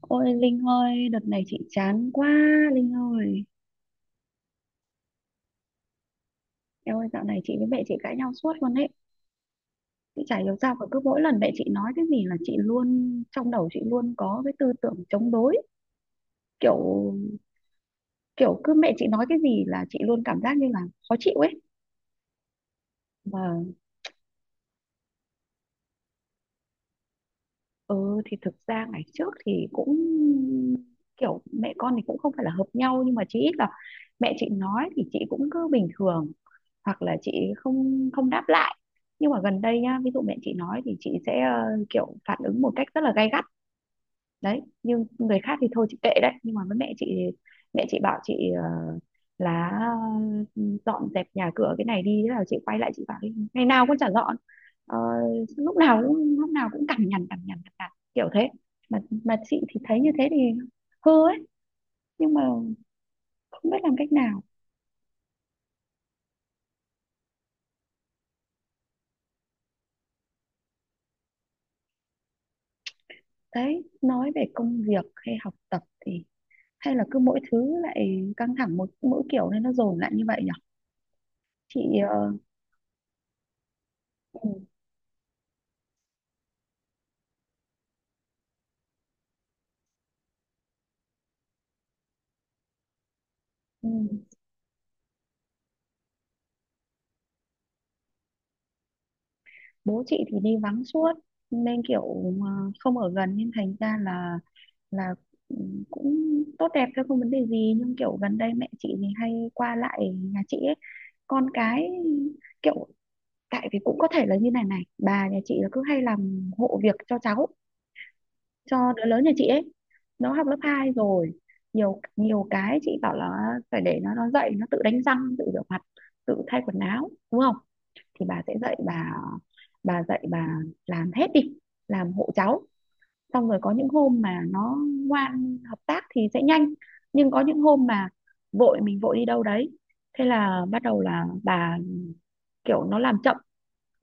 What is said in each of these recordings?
Ôi Linh ơi, đợt này chị chán quá, Linh ơi. Em ơi, dạo này chị với mẹ chị cãi nhau suốt luôn ấy. Chị chả hiểu sao mà cứ mỗi lần mẹ chị nói cái gì là chị luôn, trong đầu chị luôn có cái tư tưởng chống đối. Kiểu kiểu cứ mẹ chị nói cái gì là chị luôn cảm giác như là khó chịu ấy. Mà ừ thì thực ra ngày trước thì cũng kiểu mẹ con thì cũng không phải là hợp nhau, nhưng mà chỉ ít là mẹ chị nói thì chị cũng cứ bình thường, hoặc là chị không không đáp lại. Nhưng mà gần đây nhá, ví dụ mẹ chị nói thì chị sẽ kiểu phản ứng một cách rất là gay gắt đấy. Nhưng người khác thì thôi chị kệ, đấy nhưng mà với mẹ chị thì mẹ chị bảo chị là dọn dẹp nhà cửa cái này đi, thế là chị quay lại chị bảo "Ê, ngày nào con chả dọn. Ờ, lúc nào cũng cằn nhằn cằn nhằn cằn nhằn kiểu thế". Mà chị thì thấy như thế thì hư ấy, nhưng mà không biết làm cách nào. Đấy, nói về công việc hay học tập thì hay là cứ mỗi thứ lại căng thẳng một mỗi kiểu, nên nó dồn lại như vậy nhỉ. Chị ờ, ừ, ừ. Bố chị thì đi vắng suốt nên kiểu ờ, không ở gần nên thành ra là là ừ, cũng tốt đẹp thôi, không vấn đề gì. Nhưng kiểu gần đây mẹ chị thì hay qua lại nhà chị ấy, con cái kiểu, tại vì cũng có thể là như này này, bà nhà chị là cứ hay làm hộ việc cho cháu, cho đứa lớn nhà chị ấy. Nó học lớp 2 rồi, nhiều nhiều cái chị bảo là phải để nó dậy nó tự đánh răng, tự rửa mặt, tự thay quần áo, đúng không? Thì bà sẽ dạy bà dạy bà làm hết đi, làm hộ cháu. Xong rồi có những hôm mà nó ngoan hợp tác thì sẽ nhanh, nhưng có những hôm mà vội, mình vội đi đâu đấy, thế là bắt đầu là bà kiểu, nó làm chậm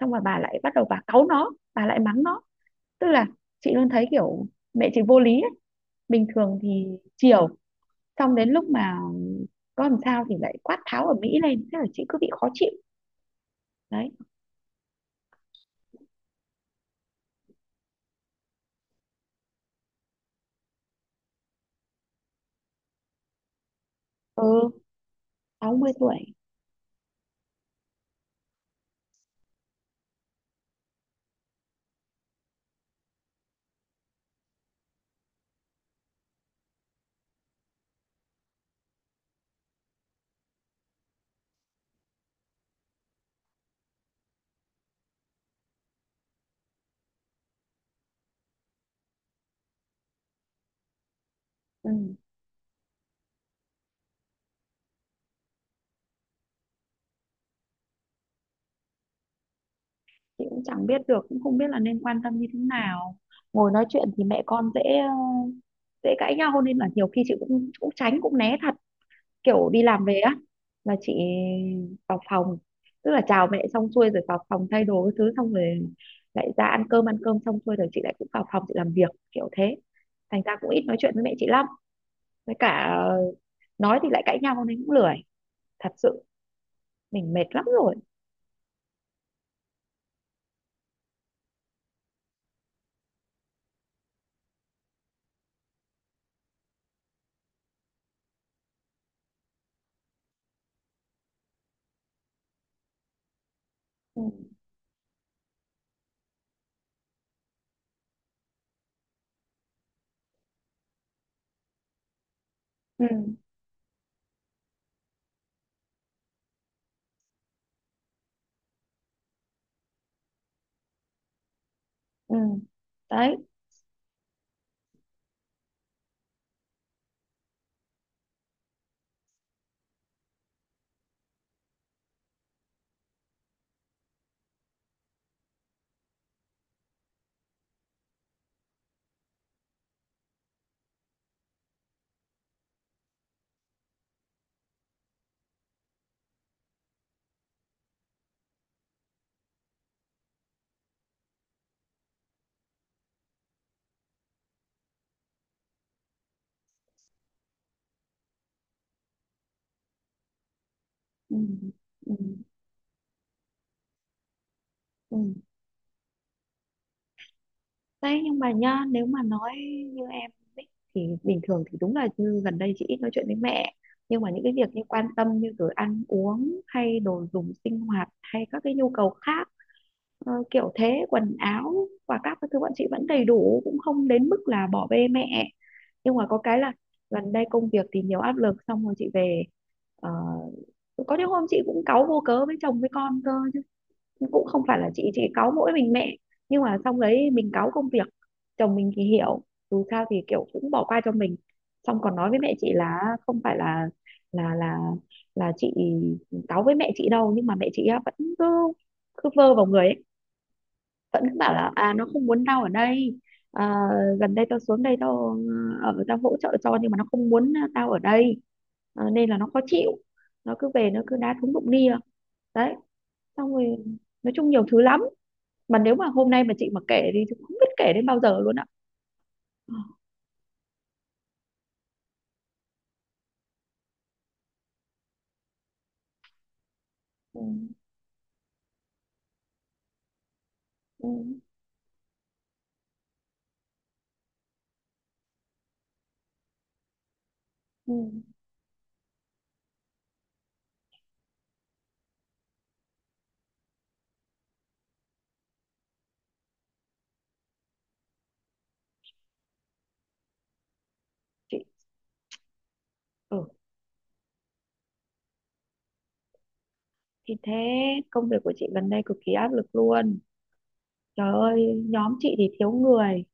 xong rồi bà lại bắt đầu bà cáu nó, bà lại mắng nó. Tức là chị luôn thấy kiểu mẹ chị vô lý ấy. Bình thường thì chiều, xong đến lúc mà có làm sao thì lại quát tháo ở Mỹ lên, thế là chị cứ bị khó chịu. Đấy. Ừ, 60 tuổi. Ừ. Chị cũng chẳng biết được, cũng không biết là nên quan tâm như thế nào. Ngồi nói chuyện thì mẹ con dễ dễ cãi nhau, nên là nhiều khi chị cũng cũng tránh cũng né thật. Kiểu đi làm về á là chị vào phòng, tức là chào mẹ xong xuôi rồi vào phòng thay đồ cái thứ, xong rồi lại ra ăn cơm, ăn cơm xong xuôi rồi chị lại cũng vào phòng chị làm việc kiểu thế. Thành ra cũng ít nói chuyện với mẹ chị lắm. Với cả ờ, nói thì lại cãi nhau nên cũng lười, thật sự mình mệt lắm rồi. Ừ, ừ, ừ, đấy. Ừ, ừ, ừ. Đấy nhưng mà nhá, nếu mà nói như em ấy, thì bình thường thì đúng là như gần đây chị ít nói chuyện với mẹ, nhưng mà những cái việc như quan tâm, như rồi ăn uống hay đồ dùng sinh hoạt hay các cái nhu cầu khác kiểu thế, quần áo và các cái thứ bọn chị vẫn đầy đủ, cũng không đến mức là bỏ bê mẹ. Nhưng mà có cái là gần đây công việc thì nhiều áp lực, xong rồi chị về ờ, có những hôm chị cũng cáu vô cớ với chồng với con cơ, cũng không phải là chị cáu mỗi mình mẹ. Nhưng mà xong đấy mình cáu công việc, chồng mình thì hiểu, dù sao thì kiểu cũng bỏ qua cho mình. Xong còn nói với mẹ chị là không phải là là là chị cáu với mẹ chị đâu, nhưng mà mẹ chị á vẫn cứ cứ vơ vào người ấy, vẫn cứ bảo là à nó không muốn tao ở đây. Ờ, gần đây tao xuống đây tao ở, tao hỗ trợ cho, nhưng mà nó không muốn tao ở đây. Ờ, nên là nó khó chịu, nó cứ về nó cứ đá thúng đụng nia. Đấy, xong rồi nói chung nhiều thứ lắm, mà nếu mà hôm nay mà chị mà kể thì chị không biết kể đến bao giờ luôn ạ. Ừ, ừ, ừ. Chị ừ thì thế, công việc của chị gần đây cực kỳ áp lực luôn. Trời ơi, nhóm chị thì thiếu người,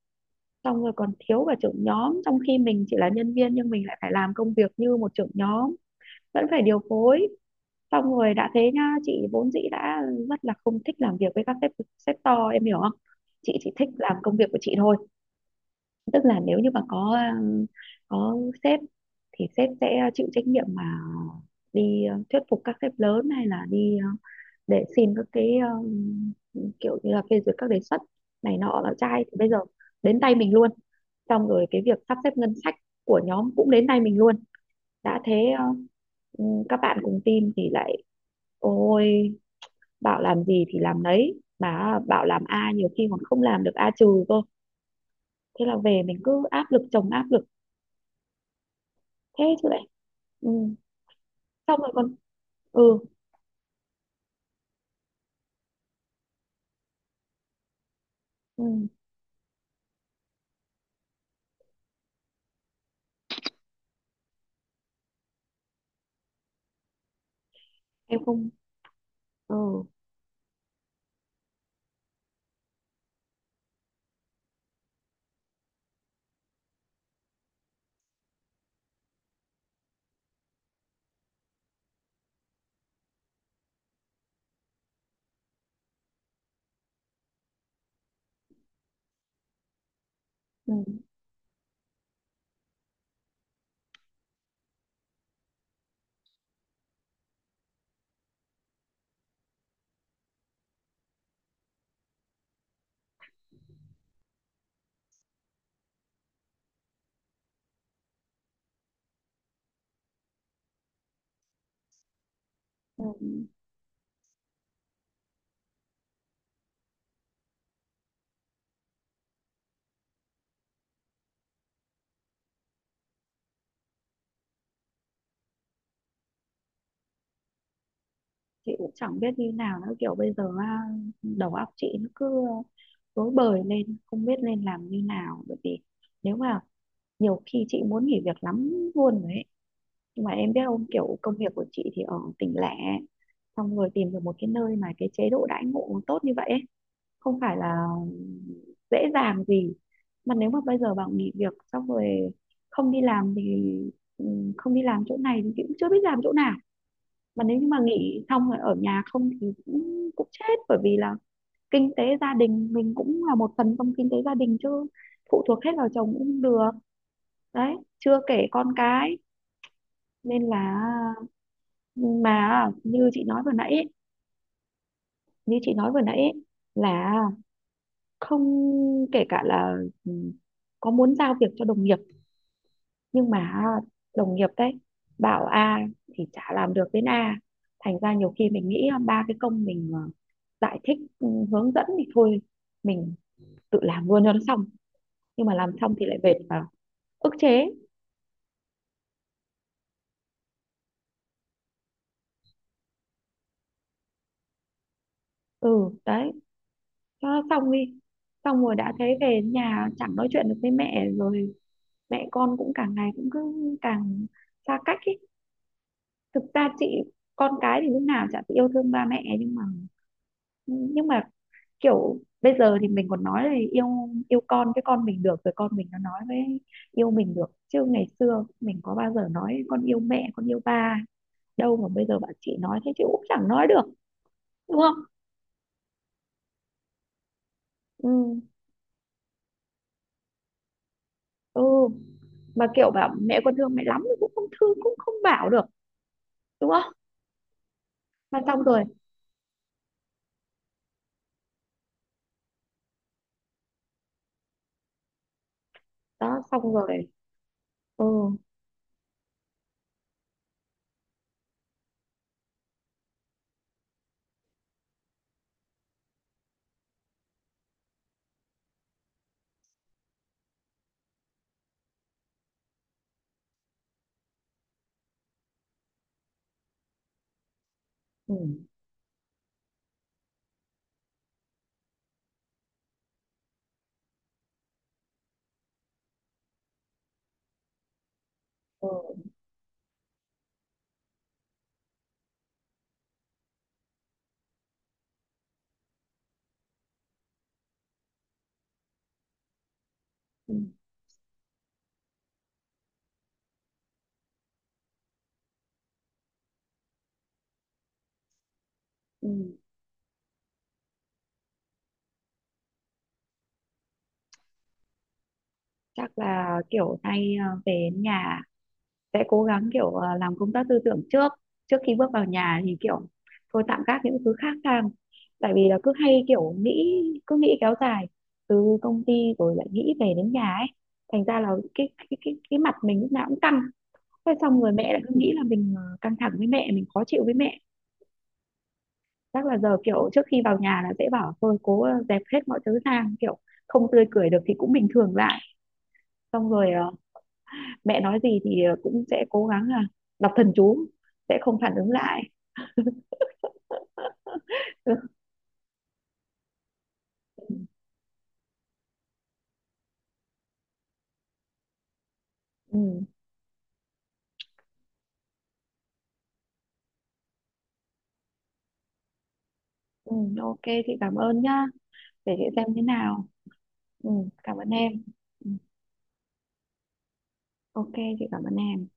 xong rồi còn thiếu cả trưởng nhóm, trong khi mình chỉ là nhân viên nhưng mình lại phải làm công việc như một trưởng nhóm, vẫn phải điều phối. Xong rồi đã thế nhá, chị vốn dĩ đã rất là không thích làm việc với các sếp, sếp to, em hiểu không? Chị chỉ thích làm công việc của chị thôi. Tức là nếu như mà có có sếp thì sếp sẽ chịu trách nhiệm mà đi thuyết phục các sếp lớn, hay là đi để xin các cái kiểu như là phê duyệt các đề xuất này nọ, là trai thì bây giờ đến tay mình luôn. Xong rồi cái việc sắp xếp ngân sách của nhóm cũng đến tay mình luôn. Đã thế các bạn cùng team thì lại ôi, bảo làm gì thì làm đấy, mà bảo làm A nhiều khi còn không làm được A trừ cơ. Thế là về mình cứ áp lực chồng áp lực. Thế chứ lại ừ. Xong rồi còn ừ, ừ em không, ừ, ừ, ừ. Chị cũng chẳng biết như nào nữa, kiểu bây giờ á, đầu óc chị nó cứ rối bời lên không biết nên làm như nào, bởi vì nếu mà nhiều khi chị muốn nghỉ việc lắm luôn rồi ấy. Nhưng mà em biết không, kiểu công việc của chị thì ở tỉnh lẻ, xong rồi tìm được một cái nơi mà cái chế độ đãi ngộ tốt như vậy ấy, không phải là dễ dàng gì. Mà nếu mà bây giờ bảo nghỉ việc xong rồi không đi làm thì ừ, không đi làm chỗ này thì chị cũng chưa biết làm chỗ nào. Mà nếu như mà nghỉ xong rồi ở nhà không thì cũng cũng chết, bởi vì là kinh tế gia đình mình cũng là một phần trong kinh tế gia đình chứ, phụ thuộc hết vào chồng cũng không được. Đấy, chưa kể con cái, nên là mà như chị nói vừa nãy ấy, như chị nói vừa nãy ấy, là không, kể cả là ừ, có muốn giao việc cho đồng nghiệp, nhưng mà đồng nghiệp đấy bảo A thì chả làm được đến A. Thành ra nhiều khi mình nghĩ là ba cái công mình giải thích, hướng dẫn, thì thôi mình tự làm luôn cho nó xong, nhưng mà làm xong thì lại về vào ức chế. Ừ, đấy, cho nó xong đi. Xong rồi đã thấy về nhà chẳng nói chuyện được với mẹ rồi, mẹ con cũng càng ngày cũng cứ càng xa cách ấy. Thực ra chị, con cái thì lúc nào chả phải yêu thương ba mẹ, nhưng mà ừ, nhưng mà kiểu bây giờ thì mình còn nói là yêu, con cái, con mình được rồi, con mình nó nói với yêu mình được, chứ ngày xưa mình có bao giờ nói con yêu mẹ, con yêu ba đâu, mà bây giờ bạn chị nói thế chị cũng chẳng nói được, đúng không? Ừ, ừ. Mà kiểu bảo mẹ con thương mẹ lắm thì cũng không thương, cũng không bảo được, đúng không? Mà xong rồi, đó, xong rồi. Ừ, ừ, ừ, ừ. Ừ. Chắc là kiểu nay về nhà sẽ cố gắng kiểu làm công tác tư tưởng trước, trước khi bước vào nhà thì kiểu thôi tạm gác những thứ khác sang, tại vì là cứ hay kiểu nghĩ, cứ nghĩ kéo dài, từ công ty rồi lại nghĩ về đến nhà ấy. Thành ra là cái mặt mình lúc nào cũng căng thế, xong rồi mẹ lại cứ nghĩ là mình căng thẳng với mẹ, mình khó chịu với mẹ. Chắc là giờ kiểu trước khi vào nhà là sẽ bảo thôi cố dẹp hết mọi thứ sang, kiểu không tươi cười được thì cũng bình thường lại. Xong rồi mẹ nói gì thì cũng sẽ cố gắng là đọc thần chú, sẽ không phản ứng lại. Ừ, ừ, ừ, ok, chị cảm ơn nhá, để chị xem thế nào. Ừ, cảm ơn em. Ừ, ok, chị cảm ơn em.